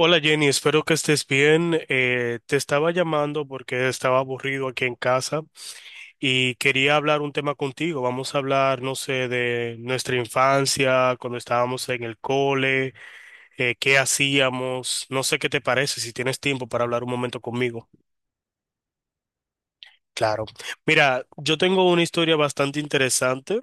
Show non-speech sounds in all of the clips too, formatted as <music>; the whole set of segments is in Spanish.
Hola Jenny, espero que estés bien. Te estaba llamando porque estaba aburrido aquí en casa y quería hablar un tema contigo. Vamos a hablar, no sé, de nuestra infancia, cuando estábamos en el cole, qué hacíamos. No sé qué te parece, si tienes tiempo para hablar un momento conmigo. Claro. Mira, yo tengo una historia bastante interesante.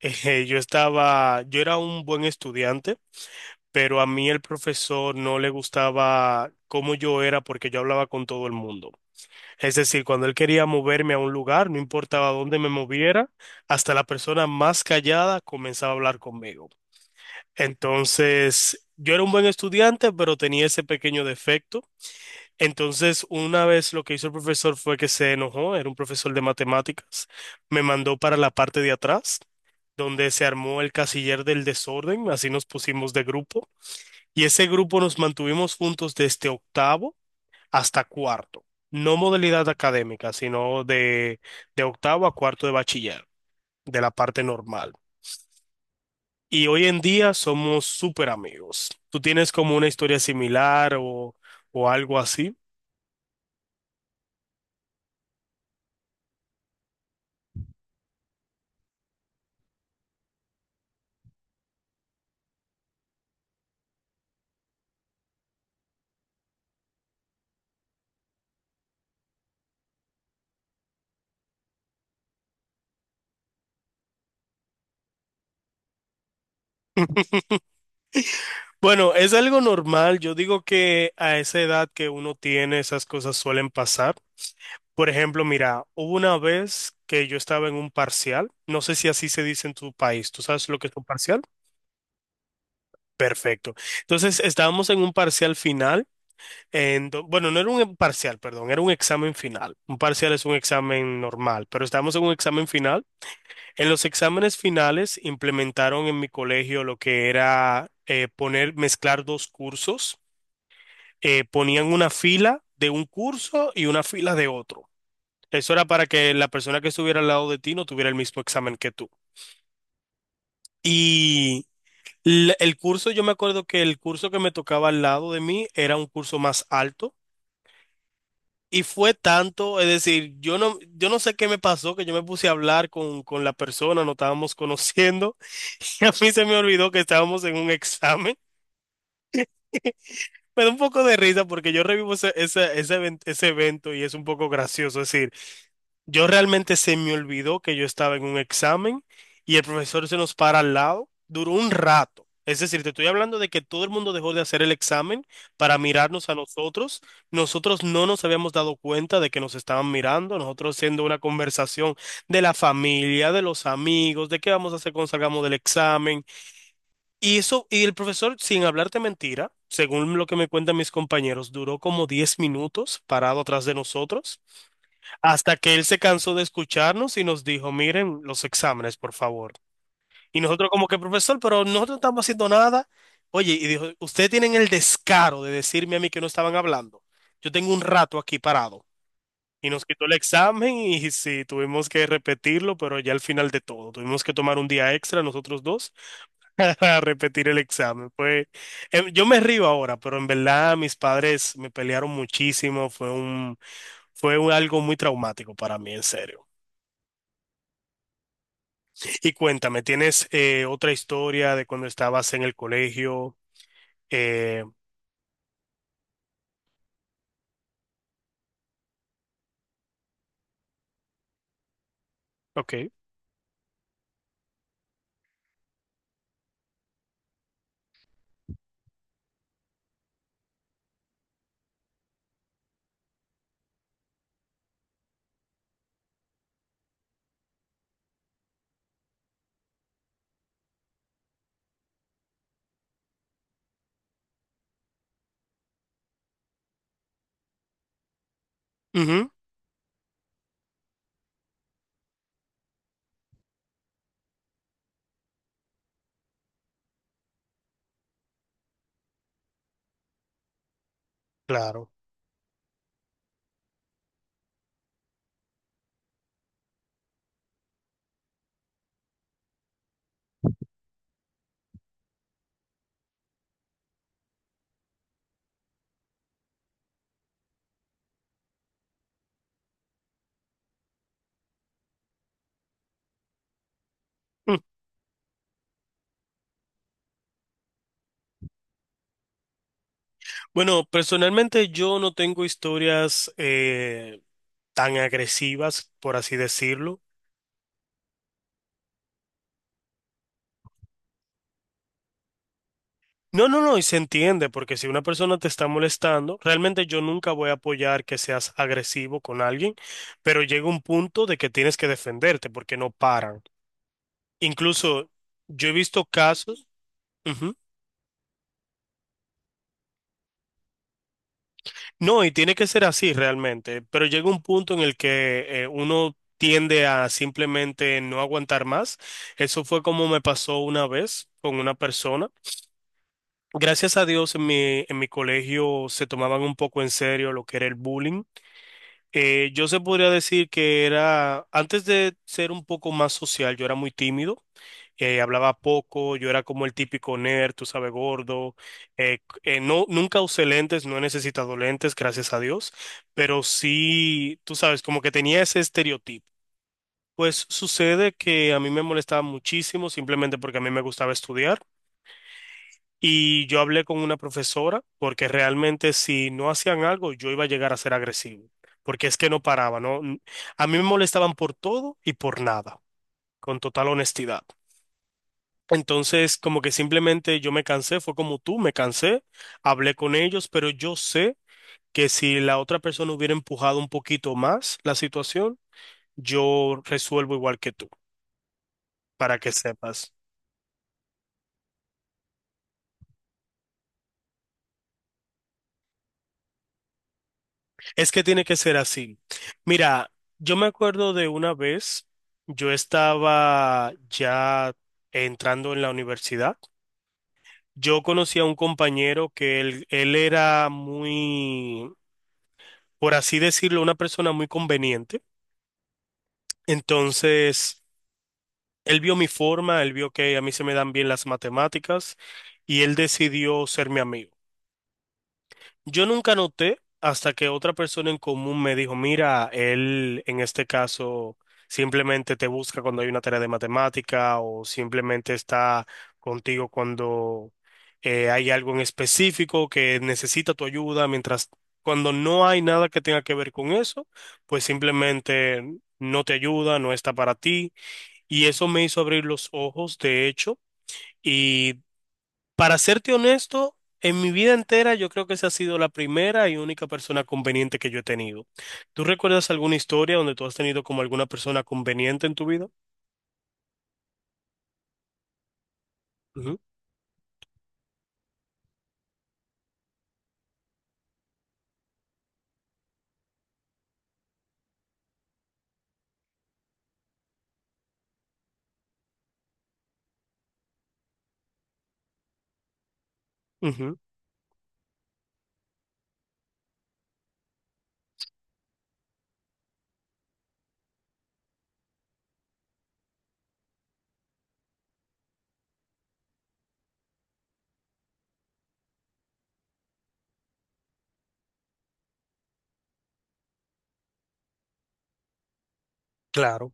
<laughs> Yo era un buen estudiante, pero a mí el profesor no le gustaba cómo yo era porque yo hablaba con todo el mundo. Es decir, cuando él quería moverme a un lugar, no importaba dónde me moviera, hasta la persona más callada comenzaba a hablar conmigo. Entonces, yo era un buen estudiante, pero tenía ese pequeño defecto. Entonces, una vez lo que hizo el profesor fue que se enojó, era un profesor de matemáticas, me mandó para la parte de atrás, donde se armó el casiller del desorden, así nos pusimos de grupo, y ese grupo nos mantuvimos juntos desde octavo hasta cuarto. No modalidad académica, sino de octavo a cuarto de bachiller, de la parte normal. Y hoy en día somos súper amigos. ¿Tú tienes como una historia similar o algo así? <laughs> Bueno, es algo normal. Yo digo que a esa edad que uno tiene, esas cosas suelen pasar. Por ejemplo, mira, hubo una vez que yo estaba en un parcial. No sé si así se dice en tu país. ¿Tú sabes lo que es un parcial? Perfecto. Entonces, estábamos en un parcial final. Bueno, no era un parcial, perdón, era un examen final. Un parcial es un examen normal, pero estamos en un examen final. En los exámenes finales implementaron en mi colegio lo que era poner, mezclar dos cursos. Ponían una fila de un curso y una fila de otro. Eso era para que la persona que estuviera al lado de ti no tuviera el mismo examen que tú. Y el curso, yo me acuerdo que el curso que me tocaba al lado de mí era un curso más alto. Y fue tanto, es decir, yo no sé qué me pasó, que yo me puse a hablar con la persona, no estábamos conociendo, <laughs> y a mí se me olvidó que estábamos en un examen. Me da un poco de risa porque yo revivo ese evento y es un poco gracioso, es decir. Yo realmente se me olvidó que yo estaba en un examen y el profesor se nos para al lado. Duró un rato. Es decir, te estoy hablando de que todo el mundo dejó de hacer el examen para mirarnos a nosotros. Nosotros no nos habíamos dado cuenta de que nos estaban mirando. Nosotros haciendo una conversación de la familia, de los amigos, de qué vamos a hacer cuando salgamos del examen. Y eso, y el profesor, sin hablarte mentira, según lo que me cuentan mis compañeros, duró como 10 minutos parado atrás de nosotros. Hasta que él se cansó de escucharnos y nos dijo, miren los exámenes, por favor. Y nosotros como que, profesor, pero nosotros no estamos haciendo nada. Oye, y dijo, ustedes tienen el descaro de decirme a mí que no estaban hablando. Yo tengo un rato aquí parado. Y nos quitó el examen y sí, tuvimos que repetirlo, pero ya al final de todo, tuvimos que tomar un día extra nosotros dos <laughs> para repetir el examen. Pues yo me río ahora, pero en verdad mis padres me pelearon muchísimo, algo muy traumático para mí, en serio. Y cuéntame, ¿tienes otra historia de cuando estabas en el colegio? Eh, ok, ujú, claro. Mm. Bueno, personalmente yo no tengo historias tan agresivas, por así decirlo. No, no, no, y se entiende, porque si una persona te está molestando, realmente yo nunca voy a apoyar que seas agresivo con alguien, pero llega un punto de que tienes que defenderte porque no paran. Incluso yo he visto casos. No, y tiene que ser así realmente, pero llega un punto en el que uno tiende a simplemente no aguantar más. Eso fue como me pasó una vez con una persona. Gracias a Dios en en mi colegio se tomaban un poco en serio lo que era el bullying. Yo se podría decir que era, antes de ser un poco más social, yo era muy tímido, hablaba poco, yo era como el típico nerd, tú sabes, gordo, no, nunca usé lentes, no he necesitado lentes, gracias a Dios, pero sí, tú sabes, como que tenía ese estereotipo. Pues sucede que a mí me molestaba muchísimo simplemente porque a mí me gustaba estudiar. Y yo hablé con una profesora porque realmente si no hacían algo yo iba a llegar a ser agresivo, porque es que no paraba, ¿no? A mí me molestaban por todo y por nada, con total honestidad. Entonces, como que simplemente yo me cansé, fue como tú, me cansé, hablé con ellos, pero yo sé que si la otra persona hubiera empujado un poquito más la situación, yo resuelvo igual que tú, para que sepas. Es que tiene que ser así. Mira, yo me acuerdo de una vez, yo estaba ya entrando en la universidad. Yo conocí a un compañero que él era muy, por así decirlo, una persona muy conveniente. Entonces, él vio mi forma, él vio que a mí se me dan bien las matemáticas y él decidió ser mi amigo. Yo nunca noté hasta que otra persona en común me dijo, mira, él en este caso simplemente te busca cuando hay una tarea de matemática o simplemente está contigo cuando hay algo en específico que necesita tu ayuda, mientras cuando no hay nada que tenga que ver con eso, pues simplemente no te ayuda, no está para ti. Y eso me hizo abrir los ojos, de hecho. Y para serte honesto, en mi vida entera yo creo que esa ha sido la primera y única persona conveniente que yo he tenido. ¿Tú recuerdas alguna historia donde tú has tenido como alguna persona conveniente en tu vida? Ujú, ujú, claro,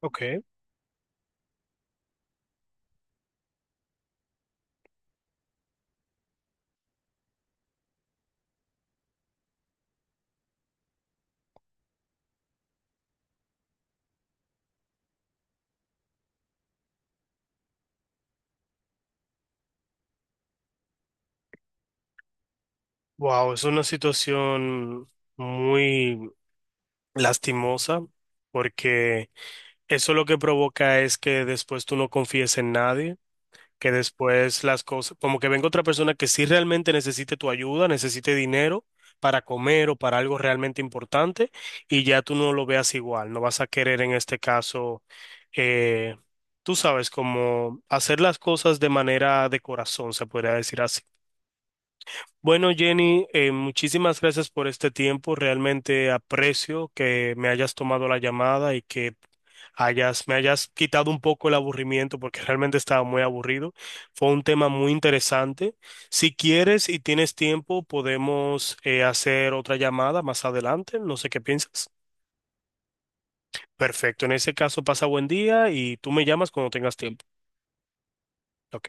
ok. Wow, es una situación muy lastimosa porque eso lo que provoca es que después tú no confíes en nadie. Que después las cosas, como que venga otra persona que sí realmente necesite tu ayuda, necesite dinero para comer o para algo realmente importante, y ya tú no lo veas igual, no vas a querer en este caso, eh, tú sabes, como hacer las cosas de manera de corazón, se podría decir así. Bueno, Jenny, muchísimas gracias por este tiempo. Realmente aprecio que me hayas tomado la llamada y que me hayas quitado un poco el aburrimiento porque realmente estaba muy aburrido. Fue un tema muy interesante. Si quieres y tienes tiempo, podemos hacer otra llamada más adelante. No sé qué piensas. Perfecto. En ese caso, pasa buen día y tú me llamas cuando tengas tiempo. Ok.